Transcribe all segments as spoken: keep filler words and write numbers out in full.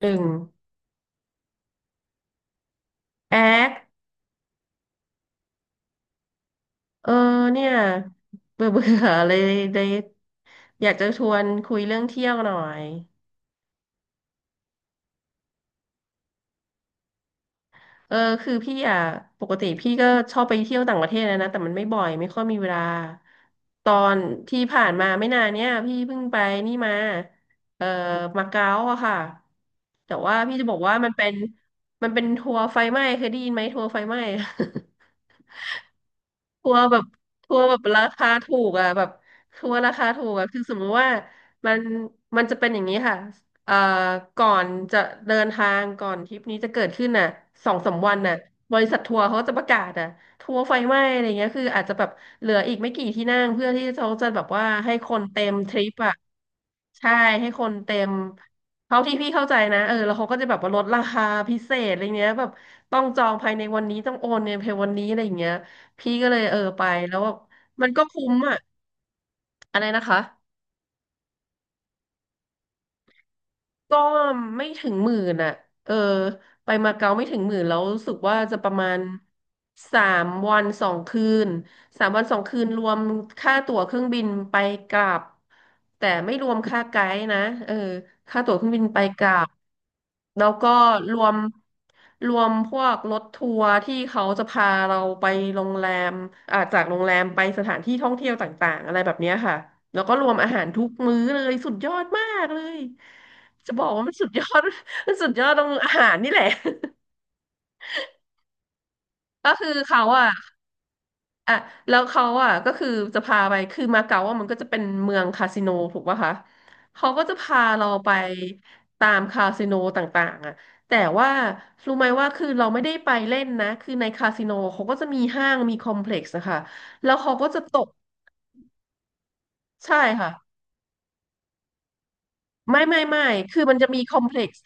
หนึ่งแอคเออเนี่ยเบื่อเบื่อเลยเลยอยากจะชวนคุยเรื่องเที่ยวหน่อยเออคือพี่อ่ะปกติพี่ก็ชอบไปเที่ยวต่างประเทศนะนะแต่มันไม่บ่อยไม่ค่อยมีเวลาตอนที่ผ่านมาไม่นานเนี่ยพี่เพิ่งไปนี่มาเออมาเก๊าอะค่ะแต่ว่าพี่จะบอกว่ามันเป็นมันเป็นทัวร์ไฟไหม้เคยได้ยินไหมทัวร์ไฟไหม้ ทัวร์แบบทัวร์แบบราคาถูกอ่ะแบบทัวร์ราคาถูกอ่ะคือสมมติว่ามันมันจะเป็นอย่างนี้ค่ะเอ่อก่อนจะเดินทางก่อนทริปนี้จะเกิดขึ้นน่ะสองสามวันน่ะบริษัททัวร์เขาจะประกาศอ่ะทัวร์ไฟไหม้อะไรเงี้ยคืออาจจะแบบเหลืออีกไม่กี่ที่นั่งเพื่อที่เขาจะแบบว่าให้คนเต็มทริปอ่ะใช่ให้คนเต็มเท่าที่พี่เข้าใจนะเออแล้วเขาก็จะแบบว่าลดราคาพิเศษอะไรเงี้ยแบบต้องจองภายในวันนี้ต้องโอนเงินภายในวันนี้อะไรอย่างเงี้ย พี่ก็เลยเออไปแล้วแบบมันก็คุ้มอ่ะอะไรนะคะ ก็ไม่ถึงหมื่นอ่ะเออไปมาเก๊าไม่ถึงหมื่นแล้วรู้สึกว่าจะประมาณสามวันสองคืนสามวันสองคืนรวมค่าตั๋วเครื่องบินไปกลับ แต่ไม่รวมค่าไกด์นะเออค่าตั๋วเครื่องบินไปกลับแล้วก็รวมรวมพวกรถทัวร์ที่เขาจะพาเราไปโรงแรมอ่าจากโรงแรมไปสถานที่ท่องเที่ยวต่างๆอะไรแบบเนี้ยค่ะ แล้วก็รวมอาหารทุกมื้อเลยสุดยอดมากเลย จะบอกว่ามันสุดยอด มันสุดยอดตรงอาหารนี่แหละ ก็คือเขาอ่ะอ่ะแล้วเขาอ่ะก็คือจะพาไปคือมาเก๊าอ่ะมันก็จะเป็นเมืองคาสิโนถูกป่ะคะเขาก็จะพาเราไปตามคาสิโนต่างๆอ่ะแต่ว่ารู้ไหมว่าคือเราไม่ได้ไปเล่นนะคือในคาสิโนเขาก็จะมีห้างมีคอมเพล็กซ์นะคะแล้วเขาก็จะตกใช่ค่ะ ไม่ไม่ไม่คือมันจะมีคอมเพล็กซ์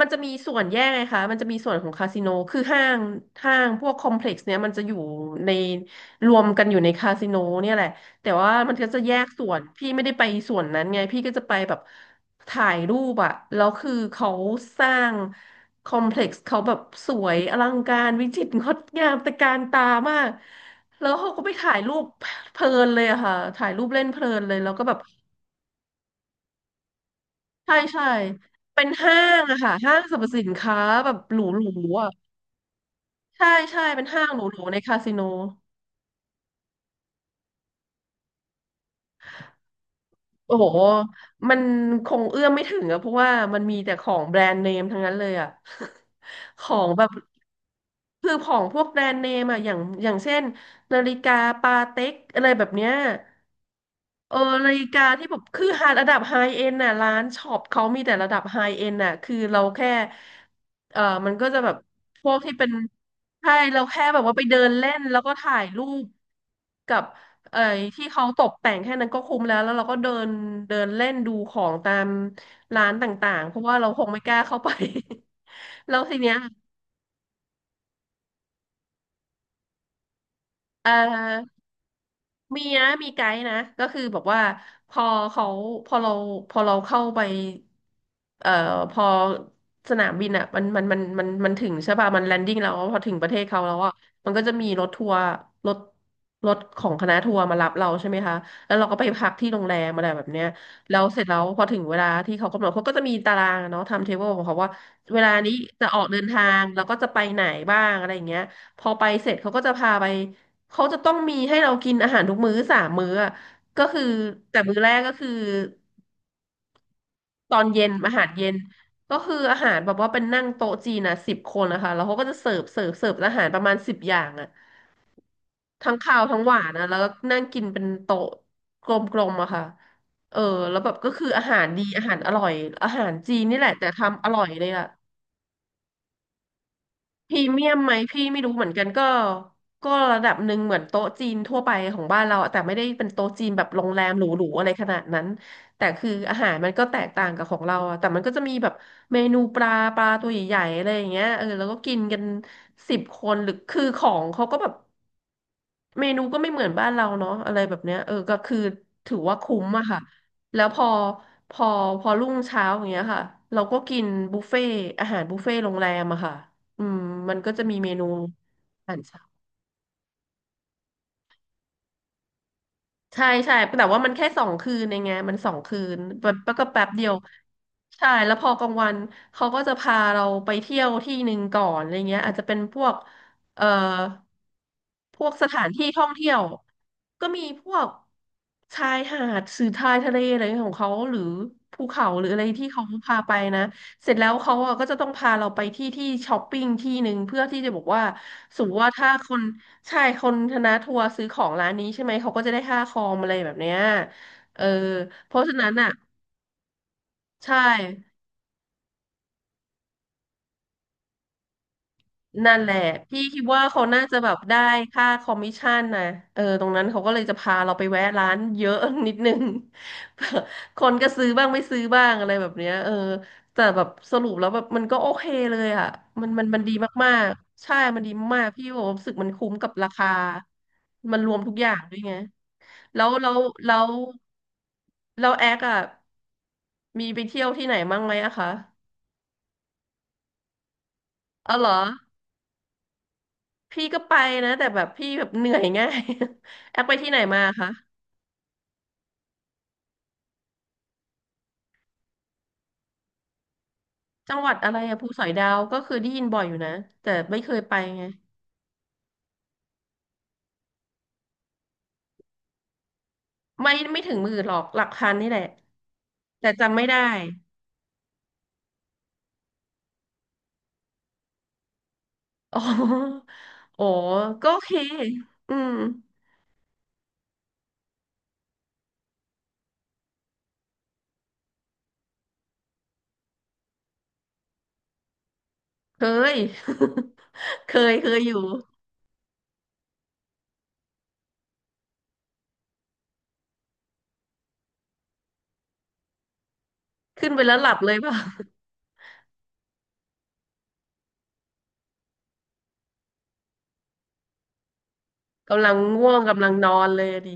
มันจะมีส่วนแยกไงคะมันจะมีส่วนของคาสิโนคือห้างห้างพวกคอมเพล็กซ์เนี้ยมันจะอยู่ในรวมกันอยู่ในคาสิโนเนี่ยแหละ แต่ว่ามันก็จะแยกส่วน พี่ไม่ได้ไปส่วนนั้นไงพี่ก็จะไปแบบถ่ายรูปอะแล้วคือเขาสร้างคอมเพล็กซ์เขาแบบสวยอลังการวิจิตรงดงามตระการตามาก แล้วเขาก็ไปถ่ายรูปเพลินเลยอะค่ะถ่ายรูปเล่นเพลินเลยแล้วก็แบบ ใช่ใช่เป็นห้างอะค่ะห้างสรรพสินค้าแบบหรูหรูอะใช่ใช่เป็นห้างหรูหรูในคาสิโนโอ้โหมันคงเอื้อมไม่ถึงอะเพราะว่ามันมีแต่ของแบรนด์เนมทั้งนั้นเลยอะ ของแบบคือของพวกแบรนด์เนมอะอย่างอย่างเช่นนาฬิกาปาเต็กอะไรแบบเนี้ย เออนาฬิกาที่แบบคือหาระดับไฮเอ็นน่ะร้านช็อปเขามีแต่ระดับไฮเอ็นน่ะคือเราแค่เออมันก็จะแบบพวกที่เป็นใช่เราแค่แบบว่าไปเดินเล่นแล้วก็ถ่ายรูปกับเอ่อที่เขาตกแต่งแค่นั้นก็คุ้มแล้วแล้วเราก็เดินเดินเล่นดูของตามร้านต่างๆเพราะว่าเราคงไม่กล้าเข้าไป แล้วทีเนี้ยเอ่อ มีนะมีไกด์นะก็คือบอกว่าพอเขาพอเราพอเราเข้าไปเอ่อพอสนามบินอ่ะมันมันมันมันมันถึงใช่ป่ะมันแลนดิ้งแล้วพอถึงประเทศเขาแล้วอ่ะมันก็จะมีรถทัวร์รถรถของคณะทัวร์มารับเราใช่ไหมคะแล้วเราก็ไปพักที่โรงแรมอะไรแบบเนี้ยแล้วเสร็จแล้วพอถึงเวลาที่เขากำหนดเขาก็จะมีตารางอะเนาะไทม์เทเบิลของเขาว่าเวลานี้จะออกเดินทางแล้วก็จะไปไหนบ้างอะไรอย่างเงี้ยพอไปเสร็จเขาก็จะพาไป เขาจะต้องมีให้เรากินอาหารทุกมื้อสามมื้ออะก็คือแต่มื้อแรกก็คือตอนเย็นอาหารเย็นก็คืออาหารแบบว่าเป็นนั่งโต๊ะจีนนะสิบคนนะคะแล้วเขาก็จะเสิร์ฟเสิร์ฟเสิร์ฟอาหารประมาณสิบอย่างอะทั้งคาวทั้งหวานนะแล้วก็นั่งกินเป็นโต๊ะกลมๆอะค่ะเออแล้วแบบก็คืออาหารดีอาหารอร่อยอาหารจีนนี่แหละแต่ทำอร่อยเลยอะ พรีเมียมไหมพี่ไม่รู้เหมือนกันก็ก็ระดับหนึ่งเหมือนโต๊ะจีนทั่วไปของบ้านเราอะแต่ไม่ได้เป็นโต๊ะจีนแบบโรงแรมหรูๆอะไรขนาดนั้นแต่คืออาหารมันก็แตกต่างกับของเราอะแต่มันก็จะมีแบบเมนูปลาปลาตัวใหญ่ๆอะไรอย่างเงี้ยเออแล้วก็กินกันสิบคนหรือคือของเขาก็แบบ เมนูก็ไม่เหมือนบ้านเราเนาะอะไรแบบเนี้ยเออก็คือถือว่าคุ้มอะค่ะแล้วพอพอพอรุ่งเช้าอย่างเงี้ยค่ะเราก็กินบุฟเฟ่อาหารบุฟเฟ่โรงแรมอะค่ะอืมมันก็จะมีเมนูอาหารเช้า ใช่ใช่แต่ว่ามันแค่สองคืนเองไงมันสองคืนแบบแล้วก็แป๊บเดียวใช่แล้วพอกลางวันเขาก็จะพาเราไปเที่ยวที่หนึ่งก่อนอะไรเงี้ยอาจจะเป็นพวกเอ่อพวกสถานที่ท่องเที่ยวก็มีพวกชายหาดสื่อทายทะเลอะไรของเขาหรือภูเขาหรืออะไรที่เขาพาไปนะเสร็จแล้วเขาอะก็จะต้องพาเราไปที่ที่ช้อปปิ้งที่หนึ่งเพื่อที่จะบอกว่า สมมติว่าถ้าคนใช่คนคณะทัวร์ซื้อของร้านนี้ใช่ไหมเขาก็จะได้ค่าคอมอะไรแบบเนี้ยเออเพราะฉะนั้นอ่ะใช่นั่นแหละพี่คิดว่าเขาน่าจะแบบได้ค่าคอมมิชชั่นนะเออตรงนั้นเขาก็เลยจะพาเราไปแวะร้านเยอะ นิดนึง คนก็ซื้อบ้างไม่ซื้อบ้างอะไรแบบเนี้ยเออแต่แบบสรุปแล้วแบบมันก็โอเคเลยอ่ะมันมันมันดีมากๆใช่มันดีมากๆพี่บอกว่ารู้สึกมันคุ้มกับราคามันรวมทุกอย่างด้วยไง แล้วแล้วแล้วแล้วแอคอะมีไปเที่ยวที่ไหนบ้างไหมอะคะเอาเหรอพี่ก็ไปนะแต่แบบพี่แบบเหนื่อยง่าย แอคไปที่ไหนมาคะจังหวัดอะไรอะภูสอยดาวก็คือได้ยินบ่อยอยู่นะแต่ไม่เคยไปไงไม่ไม่ถึงหมื่นหรอกหลักพันนี่แหละแต่จำไม่ได้ อ๋อโอ้ก็โอเคอืมเคย เคยเคยอยู่ขึ้นไปแล้วหลับเลยเปล่ะ กำลังง่วงกำลังนอนเลยอะดิ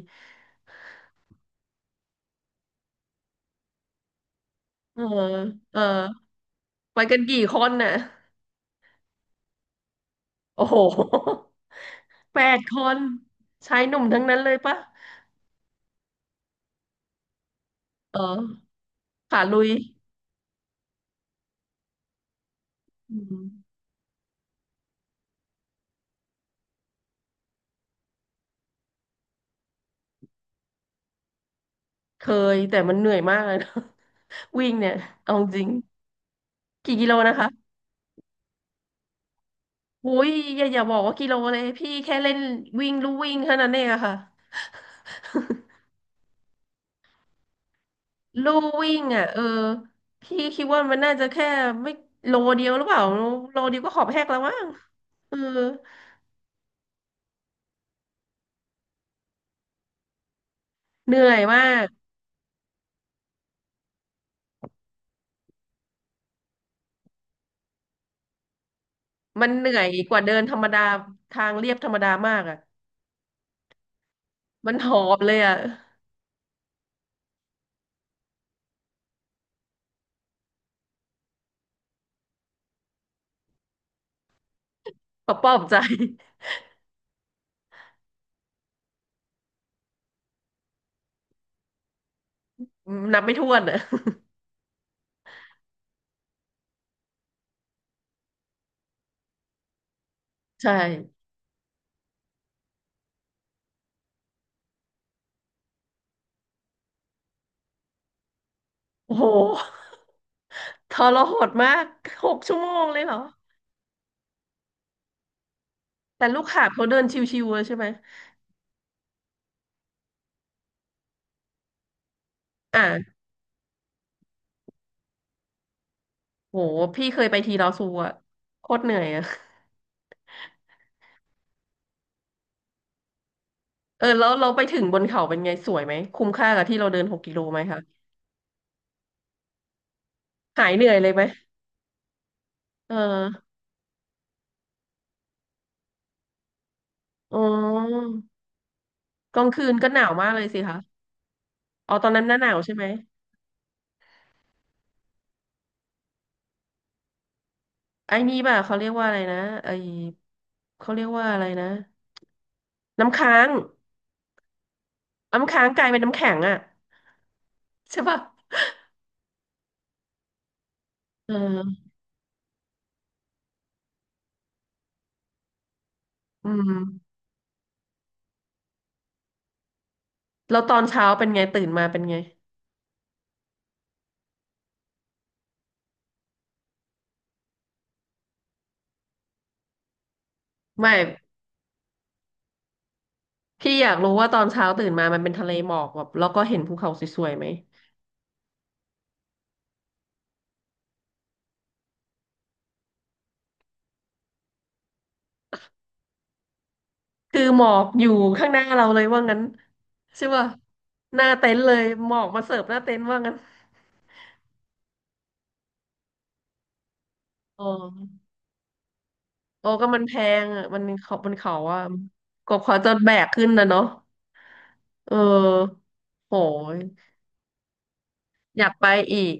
เออเออไปกันกี่คนน่ะโอ้โห แปดคนชายหนุ่มทั้งนั้นเลยปะเออขาลุยอืมเคยแต่มันเหนื่อยมากเลยนะ วิ่งเนี่ยเอาจริงกี่กิโลนะคะโอ้ยอย่าอย่าบอกว่ากิโลเลยพี่แค่เล่นวิ่งลู่วิ่งเท่านั้นเองอะค่ะ ลู่วิ่งอ่ะเออพี่คิดว่ามันน่าจะแค่ไม่โลเดียวหรือเปล่าโลเดียวก็ขอบแหกแล้วมั้งเออเหนื่อยมาก มันเหนื่อยกว่าเดินธรรมดาทางเรียบธรรมดามากอ่ะมันหอบเลยอ่ะปอบปอบใจนับไม่ถ้วนอ่ะใช่โอ้โหทรหดมากหกชั่วโมงเลยเหรอแต่ลูกหาบเขาเดินชิวๆอะใช่ไหมอ่ะโหพี่เคยไปทีลอซูอะโคตรเหนื่อยอะเออแล้วเราไปถึงบนเขาเป็นไงสวยไหมคุ้มค่ากับที่เราเดินหกกิโลไหมคะหายเหนื่อยเลยไหมเอออ๋อกลางคืนก็หนาวมากเลยสิคะอ๋อตอนนั้นหน้าหนาวใช่ไหม ไอ้นี่ป่ะเขาเรียกว่าอะไรนะไอ้เขาเรียกว่าอะไรนะน้ำค้างน้ำค้างกลายเป็นน้ำแข็งอ่ะใช่ป่ะเอออืมแล้วตอนเช้าเป็นไงตื่นมาเป็นไงไม่พี่อยากรู้ว่าตอนเช้าตื่นมามันเป็นทะเลหมอกแบบแล้วก็เห็นภูเขาสวยๆไหมคือหมอกอยู่ข้างหน้าเราเลยว่างั้นใช่ป่ะหน้าเต็นท์เลยหมอกมาเสิร์ฟหน้าเต็นท์ว่างั้นอ๋อโอ้ก็มันแพงอ่ะมันเขามันเขาว่าก็ขอจนแบกขึ้นนะเนาะ เออโหยอยากไปอีก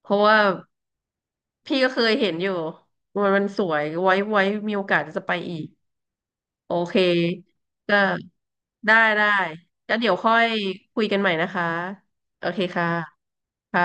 เพราะว่าพี่ก็เคยเห็นอยู่มันมันสวยไว้ไว้มีโอกาสจะไปอีกโอเคก็ได้ได้ก็เดี๋ยวค่อยคุยกันใหม่นะคะโอเคค่ะค่ะ